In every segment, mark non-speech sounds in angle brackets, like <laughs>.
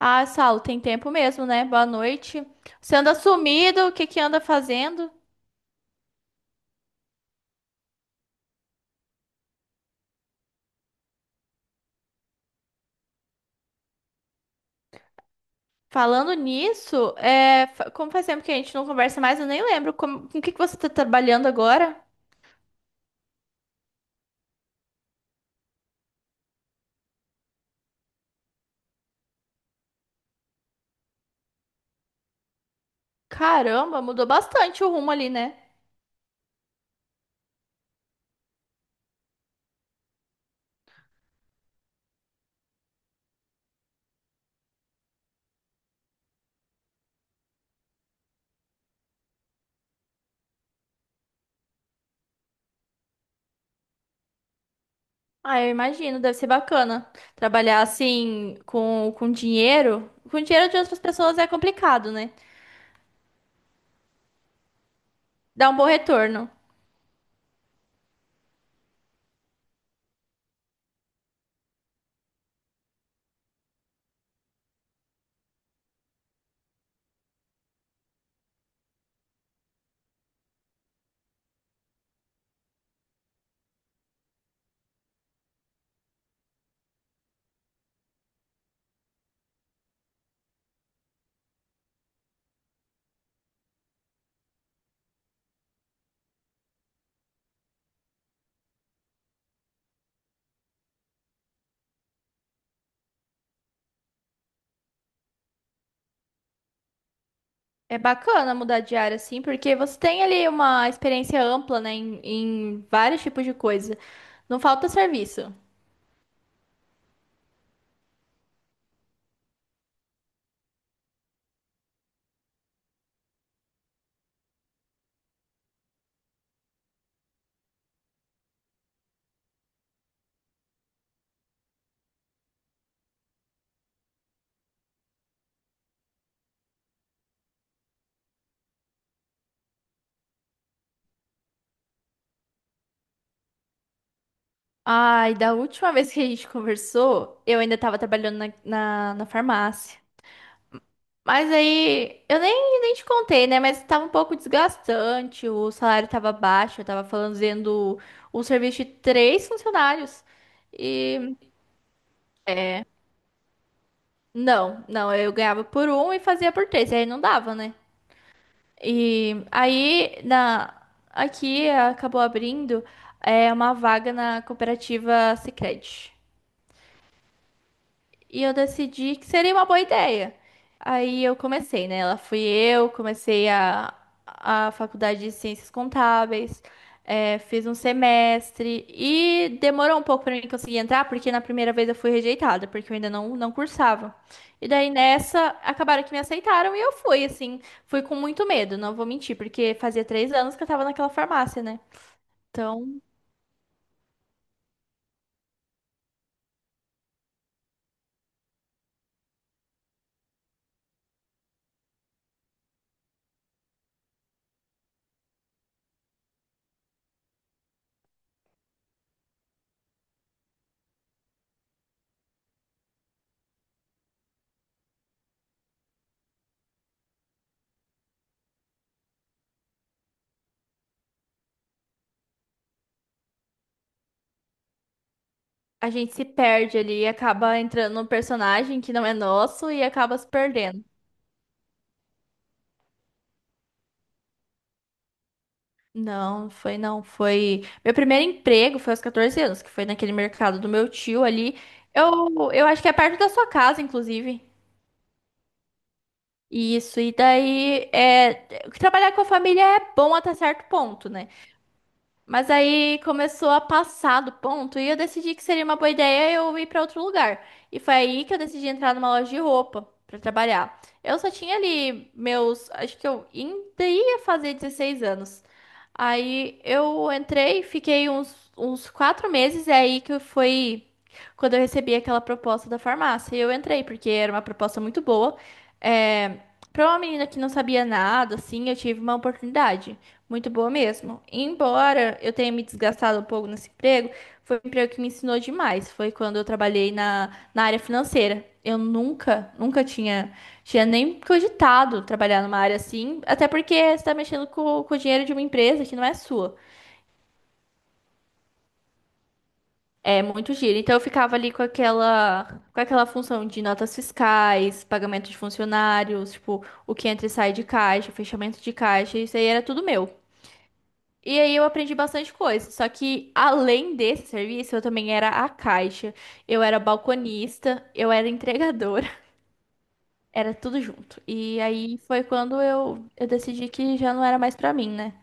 Ah, Saulo, tem tempo mesmo, né? Boa noite. Você anda sumido, o que que anda fazendo? Falando nisso, como faz tempo que a gente não conversa mais, eu nem lembro. Com o que que você tá trabalhando agora? Caramba, mudou bastante o rumo ali, né? Ah, eu imagino, deve ser bacana. Trabalhar assim, com dinheiro. Com dinheiro de outras pessoas é complicado, né? Dá um bom retorno. É bacana mudar de área, assim, porque você tem ali uma experiência ampla, né, em vários tipos de coisa. Não falta serviço. Ai, da última vez que a gente conversou, eu ainda tava trabalhando na farmácia. Mas aí, eu nem te contei, né? Mas tava um pouco desgastante, o salário tava baixo, eu tava fazendo o serviço de três funcionários. E não, não, eu ganhava por um e fazia por três, aí não dava, né? E aí, aqui acabou abrindo uma vaga na cooperativa Sicredi. E eu decidi que seria uma boa ideia. Aí eu comecei, né? Lá fui eu, comecei a faculdade de Ciências Contábeis, fiz um semestre e demorou um pouco para mim conseguir entrar, porque na primeira vez eu fui rejeitada, porque eu ainda não cursava. E daí nessa, acabaram que me aceitaram e eu fui, assim, fui com muito medo, não vou mentir, porque fazia 3 anos que eu tava naquela farmácia, né? Então, a gente se perde ali, acaba entrando num personagem que não é nosso e acaba se perdendo. Não, foi não, Meu primeiro emprego foi aos 14 anos, que foi naquele mercado do meu tio ali. Eu acho que é perto da sua casa, inclusive. Isso, e daí, trabalhar com a família é bom até certo ponto, né? Mas aí começou a passar do ponto e eu decidi que seria uma boa ideia eu ir para outro lugar. E foi aí que eu decidi entrar numa loja de roupa para trabalhar. Eu só tinha ali meus, acho que eu ainda ia fazer 16 anos. Aí eu entrei, fiquei uns 4 meses, e é aí que foi quando eu recebi aquela proposta da farmácia. E eu entrei, porque era uma proposta muito boa. É, para uma menina que não sabia nada, assim, eu tive uma oportunidade. Muito boa mesmo. Embora eu tenha me desgastado um pouco nesse emprego, foi um emprego que me ensinou demais. Foi quando eu trabalhei na área financeira. Eu nunca tinha nem cogitado trabalhar numa área assim, até porque você está mexendo com o dinheiro de uma empresa que não é sua. É muito giro. Então eu ficava ali com aquela função de notas fiscais, pagamento de funcionários, tipo, o que entra e sai de caixa, fechamento de caixa, isso aí era tudo meu. E aí eu aprendi bastante coisa. Só que além desse serviço, eu também era a caixa, eu era balconista, eu era entregadora, <laughs> era tudo junto. E aí foi quando eu decidi que já não era mais pra mim, né?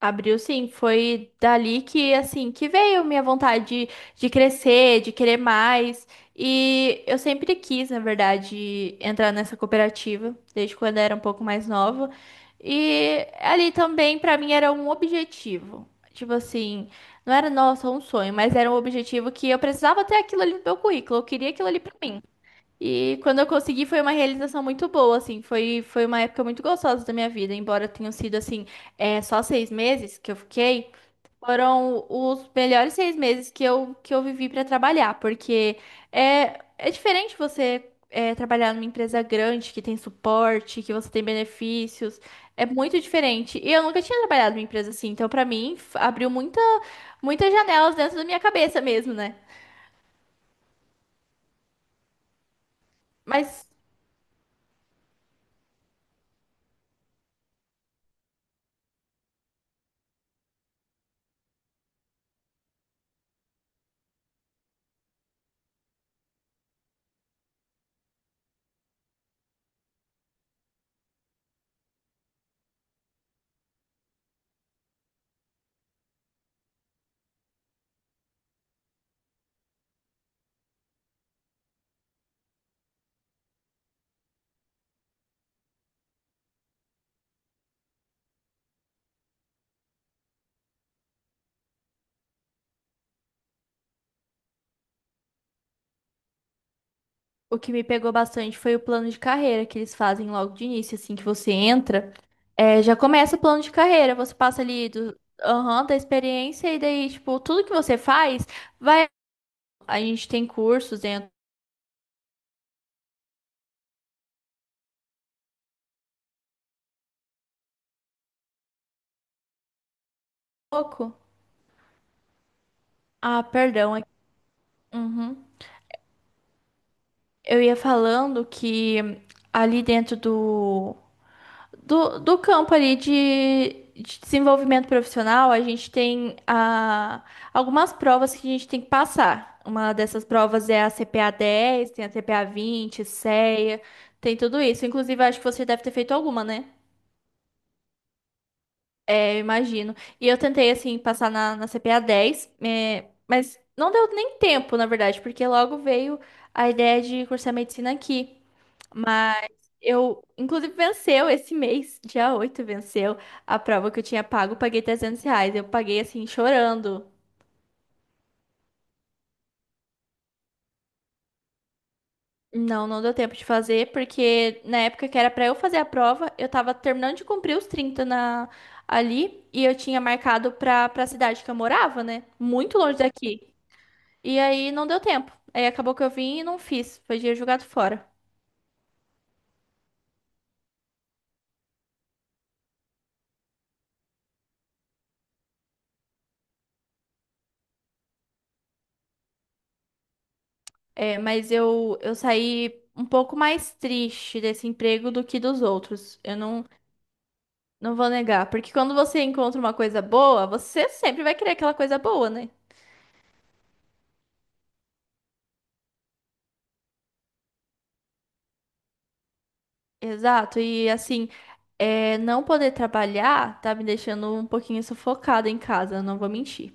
Abriu sim, foi dali que assim que veio minha vontade de crescer, de querer mais. E eu sempre quis, na verdade, entrar nessa cooperativa, desde quando eu era um pouco mais nova. E ali também pra mim era um objetivo. Tipo assim, não era nossa um sonho, mas era um objetivo que eu precisava ter aquilo ali no meu currículo, eu queria aquilo ali pra mim. E quando eu consegui foi uma realização muito boa, assim, foi uma época muito gostosa da minha vida, embora tenham sido, assim, só 6 meses que eu fiquei, foram os melhores 6 meses que eu vivi para trabalhar, porque é diferente você trabalhar numa empresa grande, que tem suporte, que você tem benefícios, é muito diferente. E eu nunca tinha trabalhado numa empresa assim, então para mim abriu muitas janelas dentro da minha cabeça mesmo, né? Mas O que me pegou bastante foi o plano de carreira que eles fazem logo de início, assim que você entra, já começa o plano de carreira, você passa ali aham, da experiência e daí, tipo, tudo que você faz vai. A gente tem cursos dentro do pouco. Ah, perdão. Uhum. Eu ia falando que ali dentro do campo ali de desenvolvimento profissional, a gente tem algumas provas que a gente tem que passar. Uma dessas provas é a CPA 10, tem a CPA 20, CEA, tem tudo isso. Inclusive, acho que você deve ter feito alguma, né? Eu imagino. E eu tentei, assim, passar na CPA 10, mas não deu nem tempo, na verdade, porque logo veio a ideia de cursar medicina aqui. Mas eu, inclusive, venceu esse mês, <laughs> dia 8 venceu a prova que eu tinha pago, eu paguei R$ 300. Eu paguei, assim, chorando. Não, não deu tempo de fazer, porque na época que era pra eu fazer a prova, eu tava terminando de cumprir os 30 ali, e eu tinha marcado pra cidade que eu morava, né? Muito longe daqui. E aí não deu tempo. Aí acabou que eu vim e não fiz. Foi dia jogado fora. É, mas eu saí um pouco mais triste desse emprego do que dos outros. Eu não vou negar. Porque quando você encontra uma coisa boa, você sempre vai querer aquela coisa boa, né? Exato. E assim. É, não poder trabalhar tá me deixando um pouquinho sufocada em casa, não vou mentir.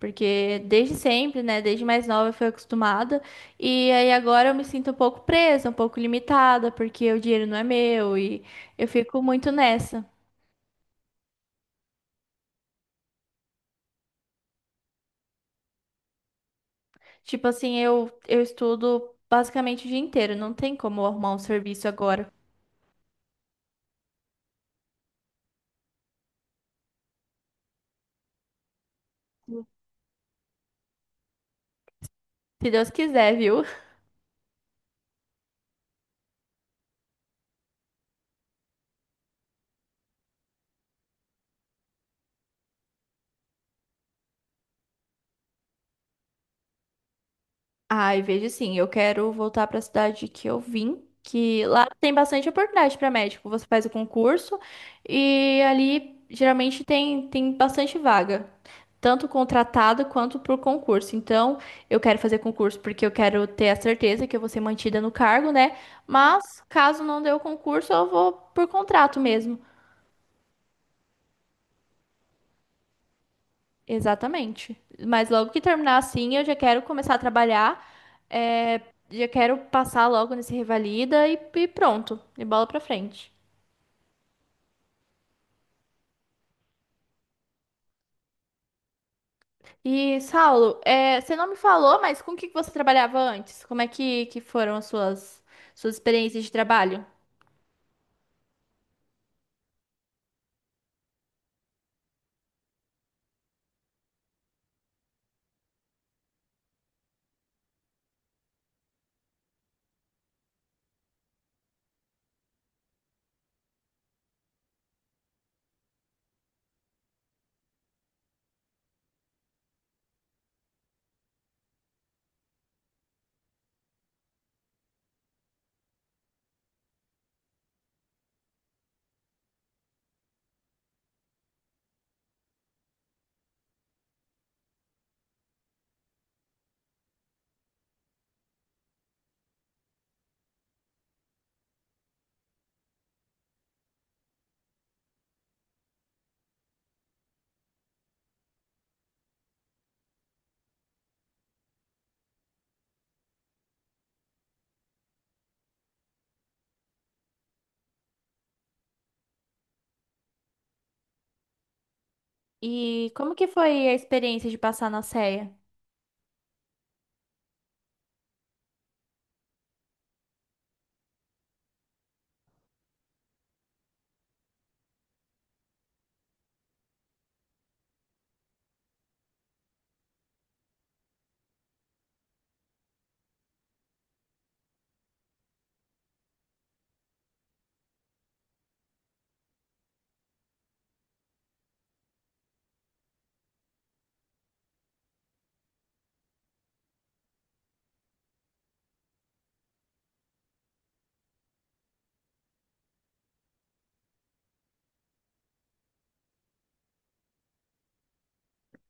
Porque desde sempre, né, desde mais nova eu fui acostumada, e aí agora eu me sinto um pouco presa, um pouco limitada, porque o dinheiro não é meu e eu fico muito nessa. Tipo assim, eu estudo basicamente o dia inteiro, não tem como eu arrumar um serviço agora. Se Deus quiser, viu? Ai, vejo sim, eu quero voltar para a cidade que eu vim, que lá tem bastante oportunidade para médico. Você faz o concurso e ali geralmente tem bastante vaga, tanto contratada quanto por concurso. Então, eu quero fazer concurso porque eu quero ter a certeza que eu vou ser mantida no cargo, né? Mas caso não dê o concurso, eu vou por contrato mesmo. Exatamente. Mas logo que terminar assim, eu já quero começar a trabalhar. é, Já quero passar logo nesse Revalida e pronto. E bola pra frente. E, Saulo, você não me falou, mas com o que que você trabalhava antes? Como é que foram as suas experiências de trabalho? E como que foi a experiência de passar na CEA?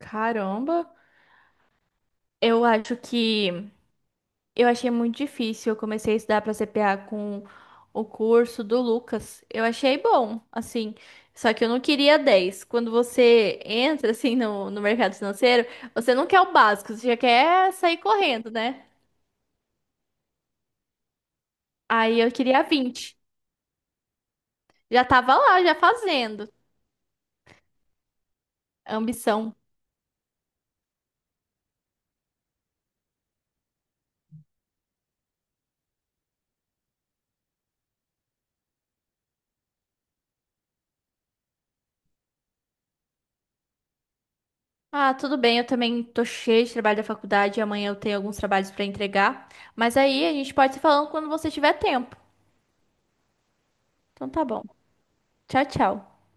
Caramba, eu acho que eu achei muito difícil. Eu comecei a estudar para CPA com o curso do Lucas. Eu achei bom, assim. Só que eu não queria 10. Quando você entra, assim, no mercado financeiro, você não quer o básico, você já quer sair correndo, né? Aí eu queria 20. Já tava lá, já fazendo. Ambição. Ah, tudo bem, eu também tô cheia de trabalho da faculdade. Amanhã eu tenho alguns trabalhos para entregar. Mas aí a gente pode se falando quando você tiver tempo. Então tá bom. Tchau, tchau.